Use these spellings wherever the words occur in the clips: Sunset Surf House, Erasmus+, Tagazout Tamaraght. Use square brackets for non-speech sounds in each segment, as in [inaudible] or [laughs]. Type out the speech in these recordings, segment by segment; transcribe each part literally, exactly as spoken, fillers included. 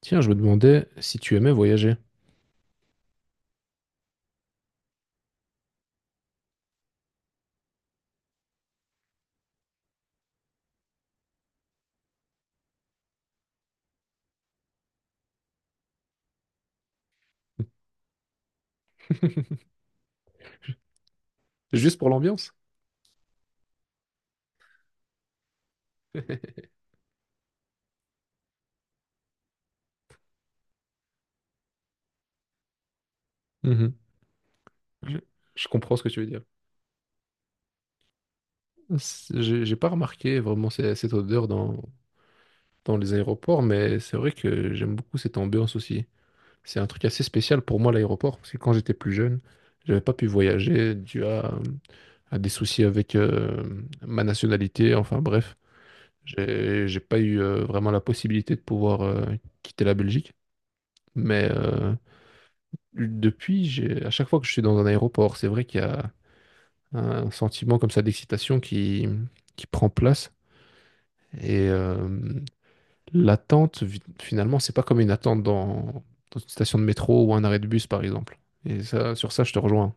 Tiens, je me demandais si tu aimais voyager. [laughs] Juste pour l'ambiance. [laughs] Mhm. Je, je comprends ce que tu veux dire. C'est- J'ai j'ai pas remarqué vraiment ce- cette odeur dans, dans les aéroports, mais c'est vrai que j'aime beaucoup cette ambiance aussi. C'est un truc assez spécial pour moi, l'aéroport, parce que quand j'étais plus jeune, j'avais pas pu voyager dû à, à des soucis avec euh, ma nationalité. Enfin bref, j'ai j'ai pas eu euh, vraiment la possibilité de pouvoir euh, quitter la Belgique, mais euh, depuis, j'ai, à chaque fois que je suis dans un aéroport, c'est vrai qu'il y a un sentiment comme ça d'excitation qui, qui prend place. Et euh, l'attente, vi- finalement, c'est pas comme une attente dans, dans une station de métro ou un arrêt de bus, par exemple. Et ça, sur ça, je te rejoins.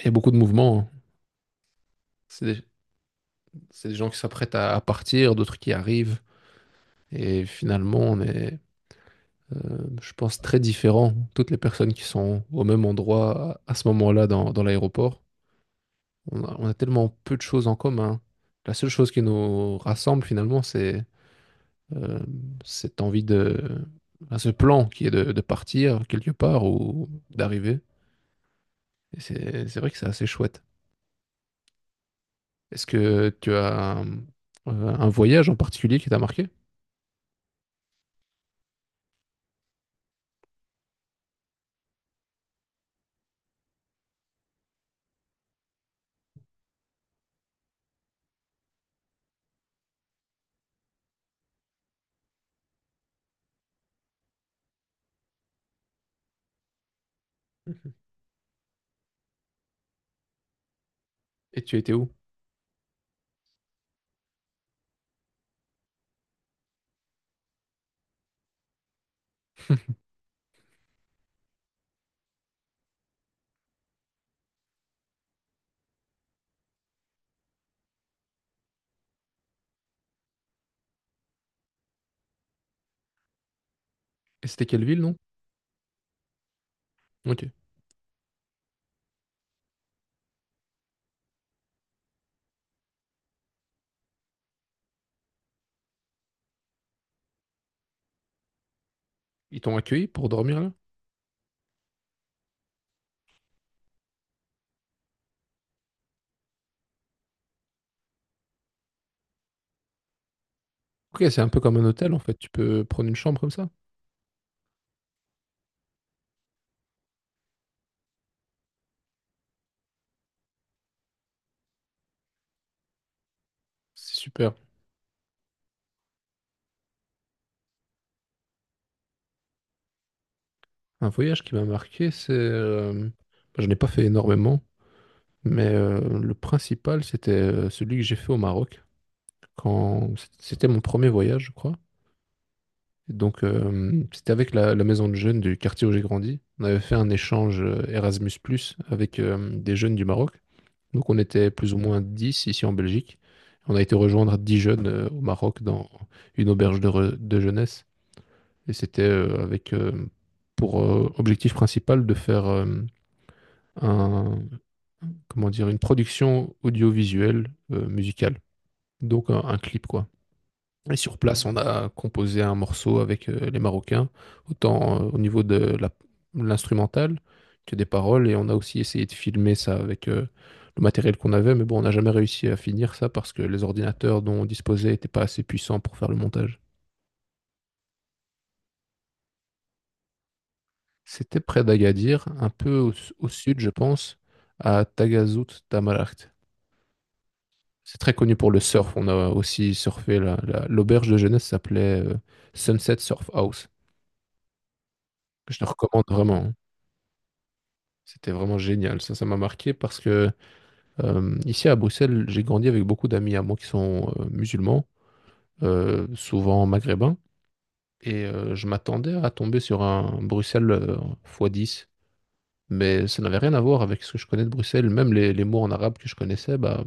Il y a beaucoup de mouvements, hein. C'est des, c'est des gens qui s'apprêtent à, à partir, d'autres qui arrivent. Et finalement, on est, euh, je pense, très différents. Toutes les personnes qui sont au même endroit à à ce moment-là dans, dans l'aéroport. On a, on a tellement peu de choses en commun. La seule chose qui nous rassemble finalement, c'est euh, cette envie de, enfin, ce plan qui est de, de partir quelque part ou d'arriver. Et c'est, c'est vrai que c'est assez chouette. Est-ce que tu as euh, un voyage en particulier qui t'a marqué? Mhm. Et tu étais où? Et c'était quelle ville, non? Ok. Ils t'ont accueilli pour dormir là? Ok, c'est un peu comme un hôtel en fait. Tu peux prendre une chambre comme ça. C'est super. Un voyage qui m'a marqué, c'est, euh, j'en ai pas fait énormément. Mais euh, le principal, c'était euh, celui que j'ai fait au Maroc quand c'était mon premier voyage, je crois. Et donc, euh, c'était avec la, la maison de jeunes du quartier où j'ai grandi. On avait fait un échange euh, Erasmus+ avec euh, des jeunes du Maroc. Donc, on était plus ou moins dix ici en Belgique. On a été rejoindre dix jeunes euh, au Maroc dans une auberge de, re- de jeunesse. Et c'était euh, avec euh, pour euh, objectif principal de faire euh, un, comment dire, une production audiovisuelle, euh, musicale. Donc un, un clip quoi. Et sur place, on a composé un morceau avec euh, les Marocains, autant euh, au niveau de la- l'instrumental que des paroles. Et on a aussi essayé de filmer ça avec euh, le matériel qu'on avait, mais bon, on n'a jamais réussi à finir ça parce que les ordinateurs dont on disposait n'étaient pas assez puissants pour faire le montage. C'était près d'Agadir, un peu au, au sud, je pense, à Tagazout Tamaraght. C'est très connu pour le surf. On a aussi surfé là- là. L'auberge de jeunesse s'appelait euh, Sunset Surf House, que je te recommande vraiment, hein. C'était vraiment génial. Ça, ça m'a marqué parce que euh, ici à Bruxelles, j'ai grandi avec beaucoup d'amis à moi qui sont euh, musulmans, euh, souvent maghrébins, et euh, je m'attendais à tomber sur un Bruxelles euh, x dix, mais ça n'avait rien à voir avec ce que je connais de Bruxelles. Même les, les mots en arabe que je connaissais, bah,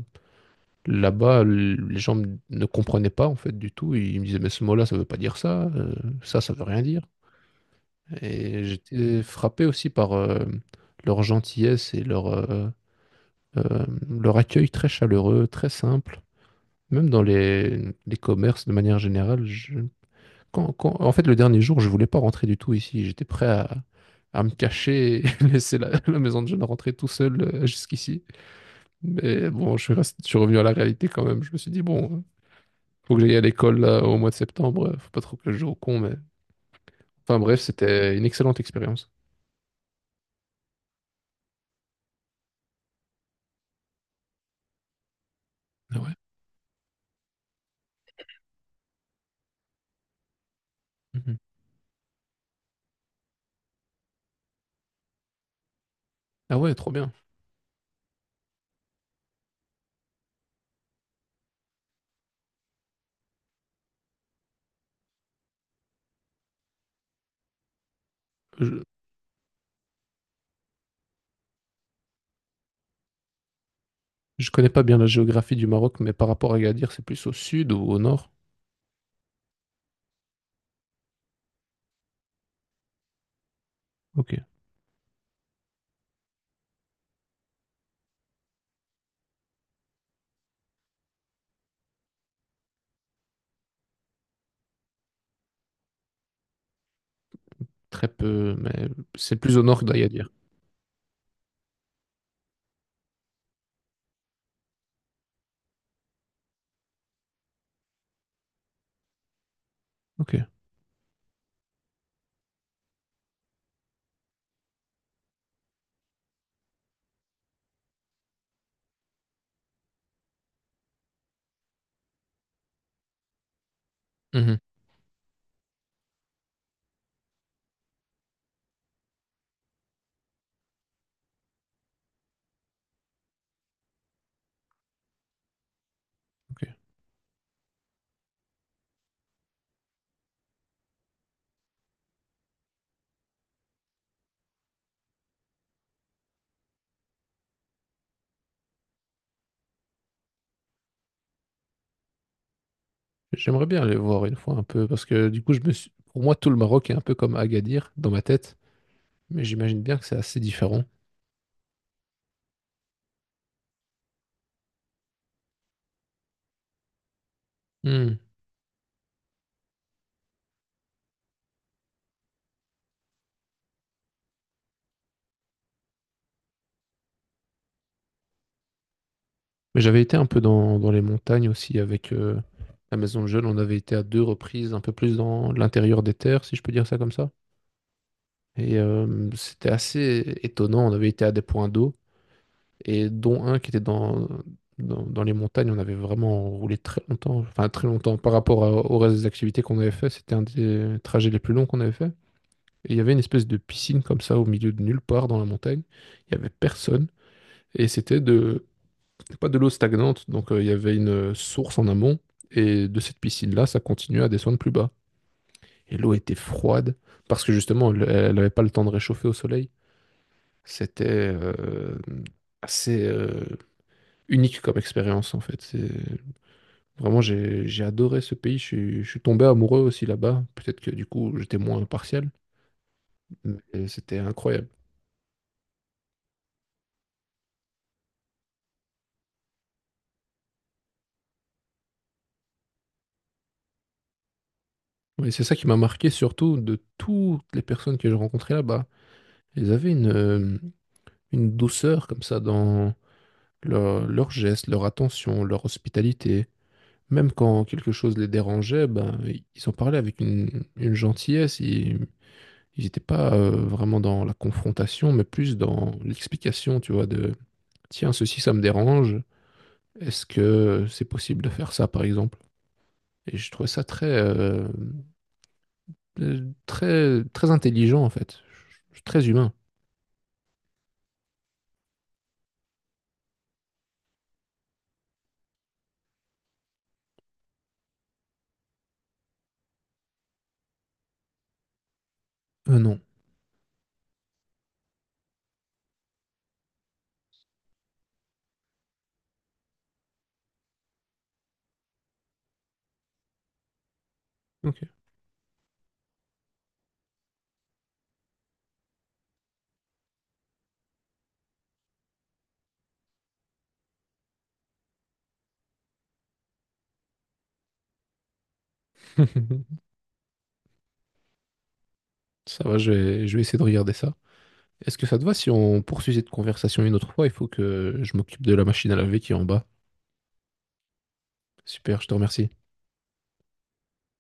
là-bas, l- les gens m- ne comprenaient pas en fait du tout. Ils me disaient, mais ce mot-là, ça veut pas dire ça, euh, ça, ça veut rien dire. Et j'étais frappé aussi par euh, leur gentillesse et leur... euh, Euh, leur accueil très chaleureux, très simple. Même dans les, les commerces de manière générale, je- quand- quand- en fait, le dernier jour, je voulais pas rentrer du tout ici. J'étais prêt à, à me cacher et [laughs] laisser la, la maison de jeunes rentrer tout seul euh, jusqu'ici. Mais bon, je suis, rest- je suis revenu à la réalité quand même. Je me suis dit, bon, faut que j'aille à l'école là, au mois de septembre. Faut pas trop que je joue au con, mais. Enfin bref, c'était une excellente expérience. Ah ouais. Mhm. Ah ouais, trop bien. Je, je connais pas bien la géographie du Maroc, mais par rapport à Agadir, c'est plus au sud ou au nord? Ok. Très peu, mais c'est plus au nord que d'Agadir. Ok. Mhm. Ok. J'aimerais bien aller voir une fois un peu, parce que du coup, je me suis... pour moi, tout le Maroc est un peu comme Agadir dans ma tête, mais j'imagine bien que c'est assez différent. Hmm. Mais j'avais été un peu dans, dans, les montagnes aussi avec euh, la maison de jeunes. On avait été à deux reprises, un peu plus dans l'intérieur des terres, si je peux dire ça comme ça. Et euh, c'était assez étonnant. On avait été à des points d'eau, et dont un qui était dans, dans, dans les montagnes. On avait vraiment roulé très longtemps, enfin très longtemps par rapport à- au reste des activités qu'on avait fait. C'était un des trajets les plus longs qu'on avait fait. Et il y avait une espèce de piscine comme ça au milieu de nulle part dans la montagne. Il n'y avait personne. Et c'était de, pas de l'eau stagnante, donc euh, il y avait une source en amont. Et de cette piscine-là, ça continuait à descendre plus bas. Et l'eau était froide parce que justement, elle n'avait pas le temps de réchauffer au soleil. C'était euh, assez. euh, unique comme expérience en fait. C'est vraiment j'ai j'ai adoré ce pays. Je suis, je suis tombé amoureux aussi là-bas. Peut-être que du coup j'étais moins impartial, mais c'était incroyable. Et c'est ça qui m'a marqué surtout de toutes les personnes que j'ai rencontrées là-bas. Ils avaient une euh, une douceur comme ça dans leur- leurs gestes, leur attention, leur hospitalité. Même quand quelque chose les dérangeait, ben, ils en parlaient avec une, une gentillesse. Ils, ils n'étaient pas euh, vraiment dans la confrontation, mais plus dans l'explication, tu vois, de, tiens, ceci, ça me dérange. Est-ce que c'est possible de faire ça, par exemple? Et je trouvais ça très, euh, euh, très, très intelligent, en fait. Je- je- Très humain. Ah non. Ok. [laughs] Ça va, je vais, je vais essayer de regarder ça. Est-ce que ça te va si on poursuit cette conversation une autre fois? Il faut que je m'occupe de la machine à laver qui est en bas. Super, je te remercie.